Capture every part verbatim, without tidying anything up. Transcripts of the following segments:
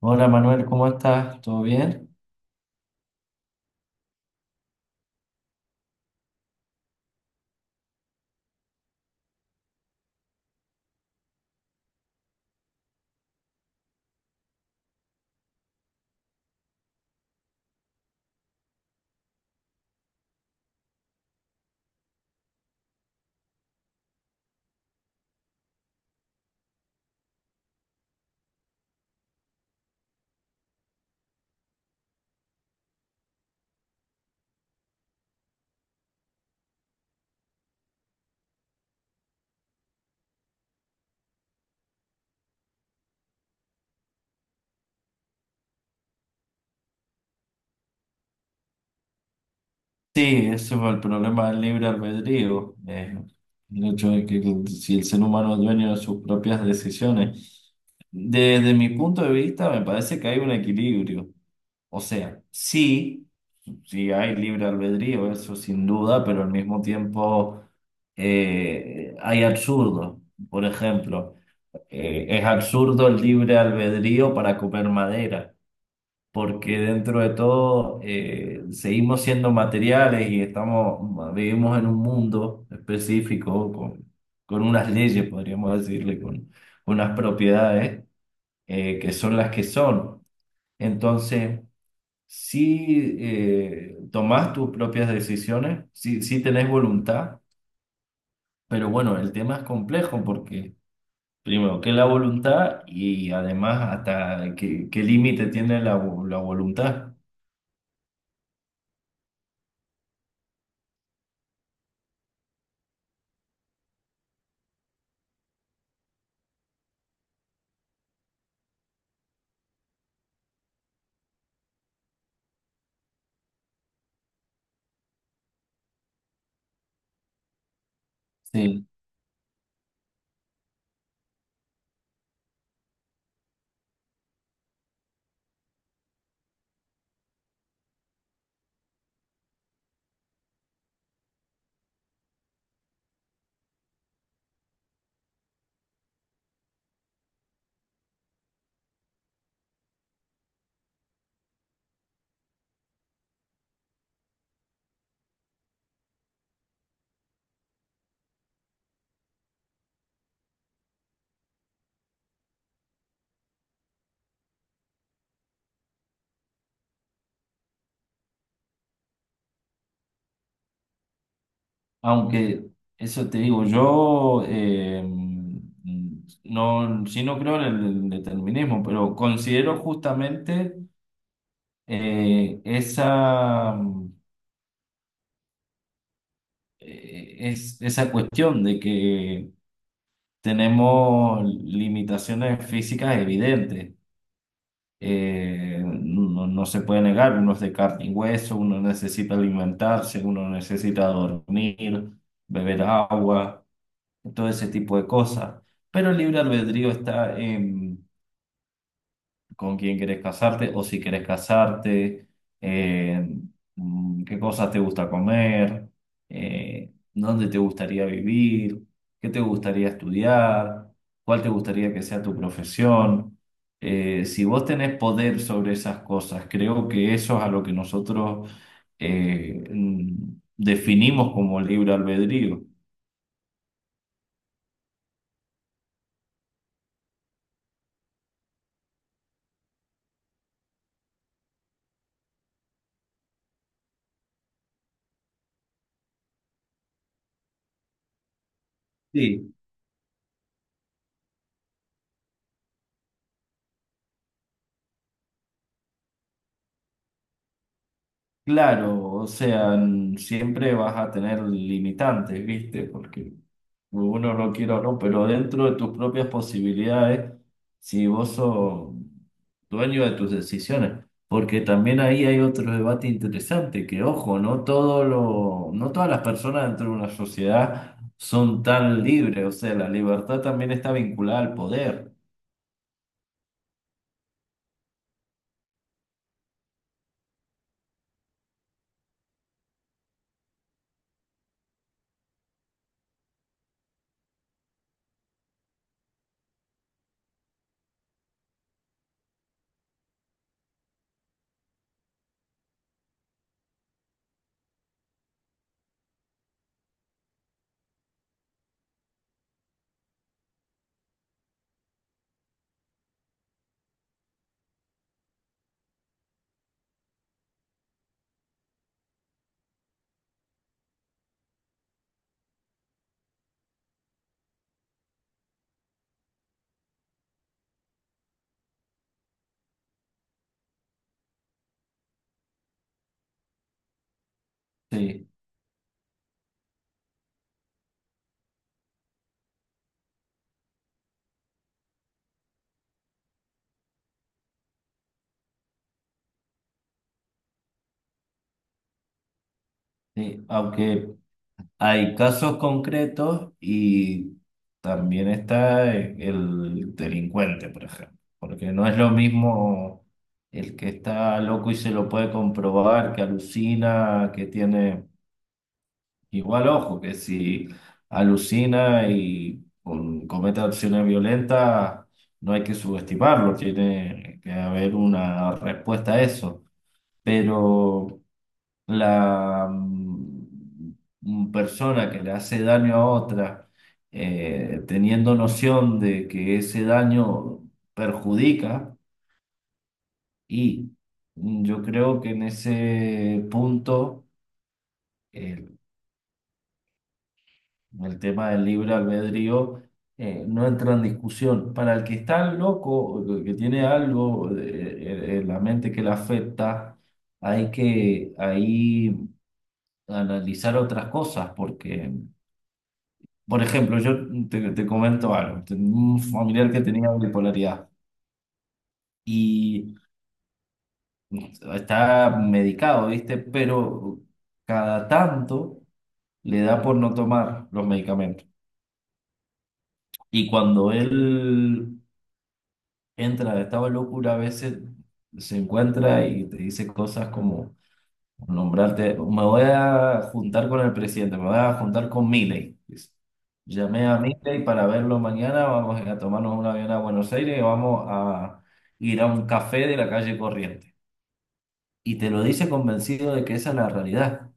Hola Manuel, ¿cómo estás? ¿Todo bien? Sí, ese fue el problema del libre albedrío, eh, el hecho de que el- si el ser humano es dueño de sus propias decisiones. Desde mi punto de vista, me parece que hay un equilibrio. O sea, sí, sí hay libre albedrío, eso sin duda, pero al mismo tiempo eh, hay absurdo. Por ejemplo, eh, es absurdo el libre albedrío para comer madera. Porque dentro de todo eh, seguimos siendo materiales y estamos, vivimos en un mundo específico con, con unas leyes, podríamos decirle, con unas propiedades eh, que son las que son. Entonces, si eh, tomás tus propias decisiones, si, si tenés voluntad, pero bueno, el tema es complejo porque... Primero, ¿qué es la voluntad? Y además, hasta qué, qué límite tiene la, vo- la voluntad. Sí. Aunque eso te digo, yo eh, no, sí no creo en el determinismo, pero considero justamente eh, esa, eh, es, esa cuestión de que tenemos limitaciones físicas evidentes. Eh, no, no se puede negar, uno es de carne y hueso, uno necesita alimentarse, uno necesita dormir, beber agua. Todo ese tipo de cosas. Pero el libre albedrío está en con quién querés casarte o si querés casarte, en, mm, qué cosas te gusta comer, eh, dónde te gustaría vivir, qué te gustaría estudiar, cuál te gustaría que sea tu profesión. Eh, si vos tenés poder sobre esas cosas, creo que eso es a lo que nosotros eh, mm, definimos como libre albedrío. Sí. Claro, o sea, n- siempre vas a tener limitantes, ¿viste? Porque uno lo quiere o no, pero dentro de tus propias posibilidades, si vos sos dueño de tus decisiones, porque también ahí hay otro debate interesante, que ojo, no todo lo, no todas las personas dentro de una sociedad son tan libres, o sea, la libertad también está vinculada al poder, sí, sí, aunque hay casos concretos y también está e-, el delincuente, por ejemplo, porque no es lo mismo el que está loco y se lo puede comprobar, que alucina, que tiene igual ojo, que si alucina y con- comete acciones violentas, no hay que subestimarlo, tiene que haber una respuesta a eso, pero la mm, mm, persona que le hace daño a otra, eh, teniendo noción de que ese daño perjudica y, mm, yo creo que en ese punto el, el tema del libre albedrío eh, no entra en discusión. Para el que está loco, o el que tiene algo eh, en la mente que le afecta, hay que ahí analizar otras cosas porque... Por ejemplo, yo te, te comento algo. Tengo un familiar que tenía bipolaridad y está medicado, ¿viste? Pero cada tanto le da por no tomar los medicamentos. Y cuando él entra de estado de locura, a veces se encuentra y te dice cosas como... Nombrarte, me voy a juntar con el presidente, me voy a juntar con Milei. Dice. Llamé a Milei para verlo mañana, vamos a tomarnos un avión a Buenos Aires y vamos a ir a un café de la calle Corriente. Y te lo dice convencido de que esa es la realidad.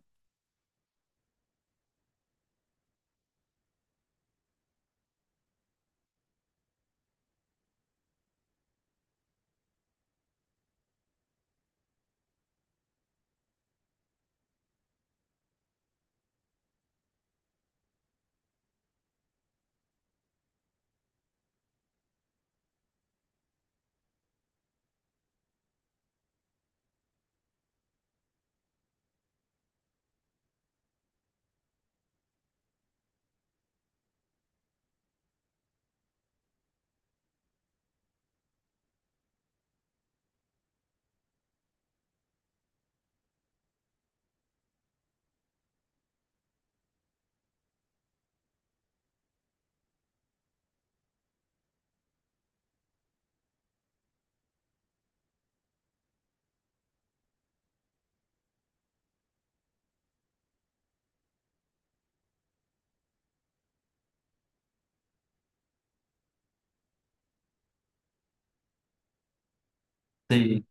Sí,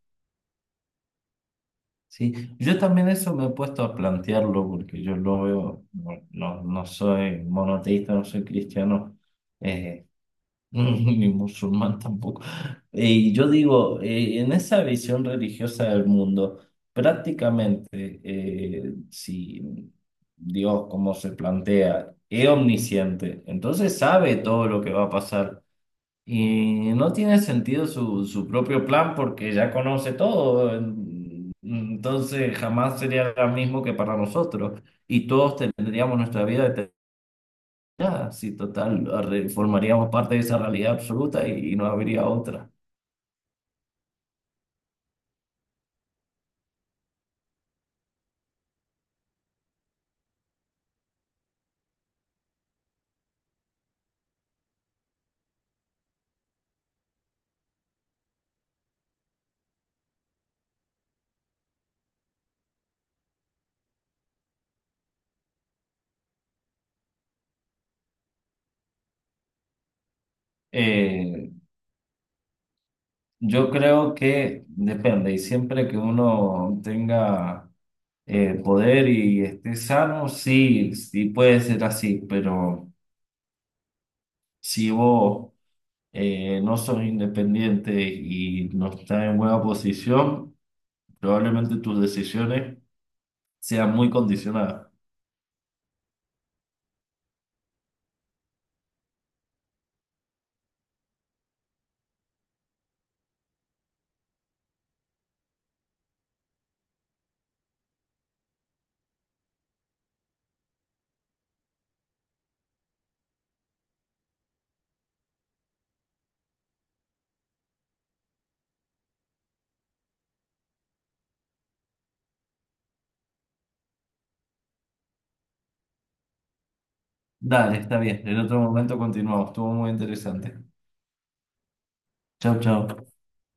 sí. Yo también eso me he puesto a plantearlo porque yo lo veo, no, no, no soy monoteísta, no soy cristiano. Eh, Ni musulmán tampoco. Y yo digo, eh, en esa visión religiosa del mundo, prácticamente, eh, si Dios, como se plantea, es omnisciente, entonces sabe todo lo que va a pasar. Y no tiene sentido su, su propio plan porque ya conoce todo. en- Entonces jamás sería lo mismo que para nosotros. Y todos tendríamos nuestra vida ya, sí, total, arre- formaríamos parte de esa realidad absoluta y, y no habría otra. Eh, yo creo que depende, y siempre que uno tenga eh, poder y esté sano, sí, sí puede ser así, pero si vos eh, no sos independiente y no estás en buena posición, probablemente tus decisiones sean muy condicionadas. Dale, está bien, en otro momento continuamos, estuvo muy interesante. Chao, chao.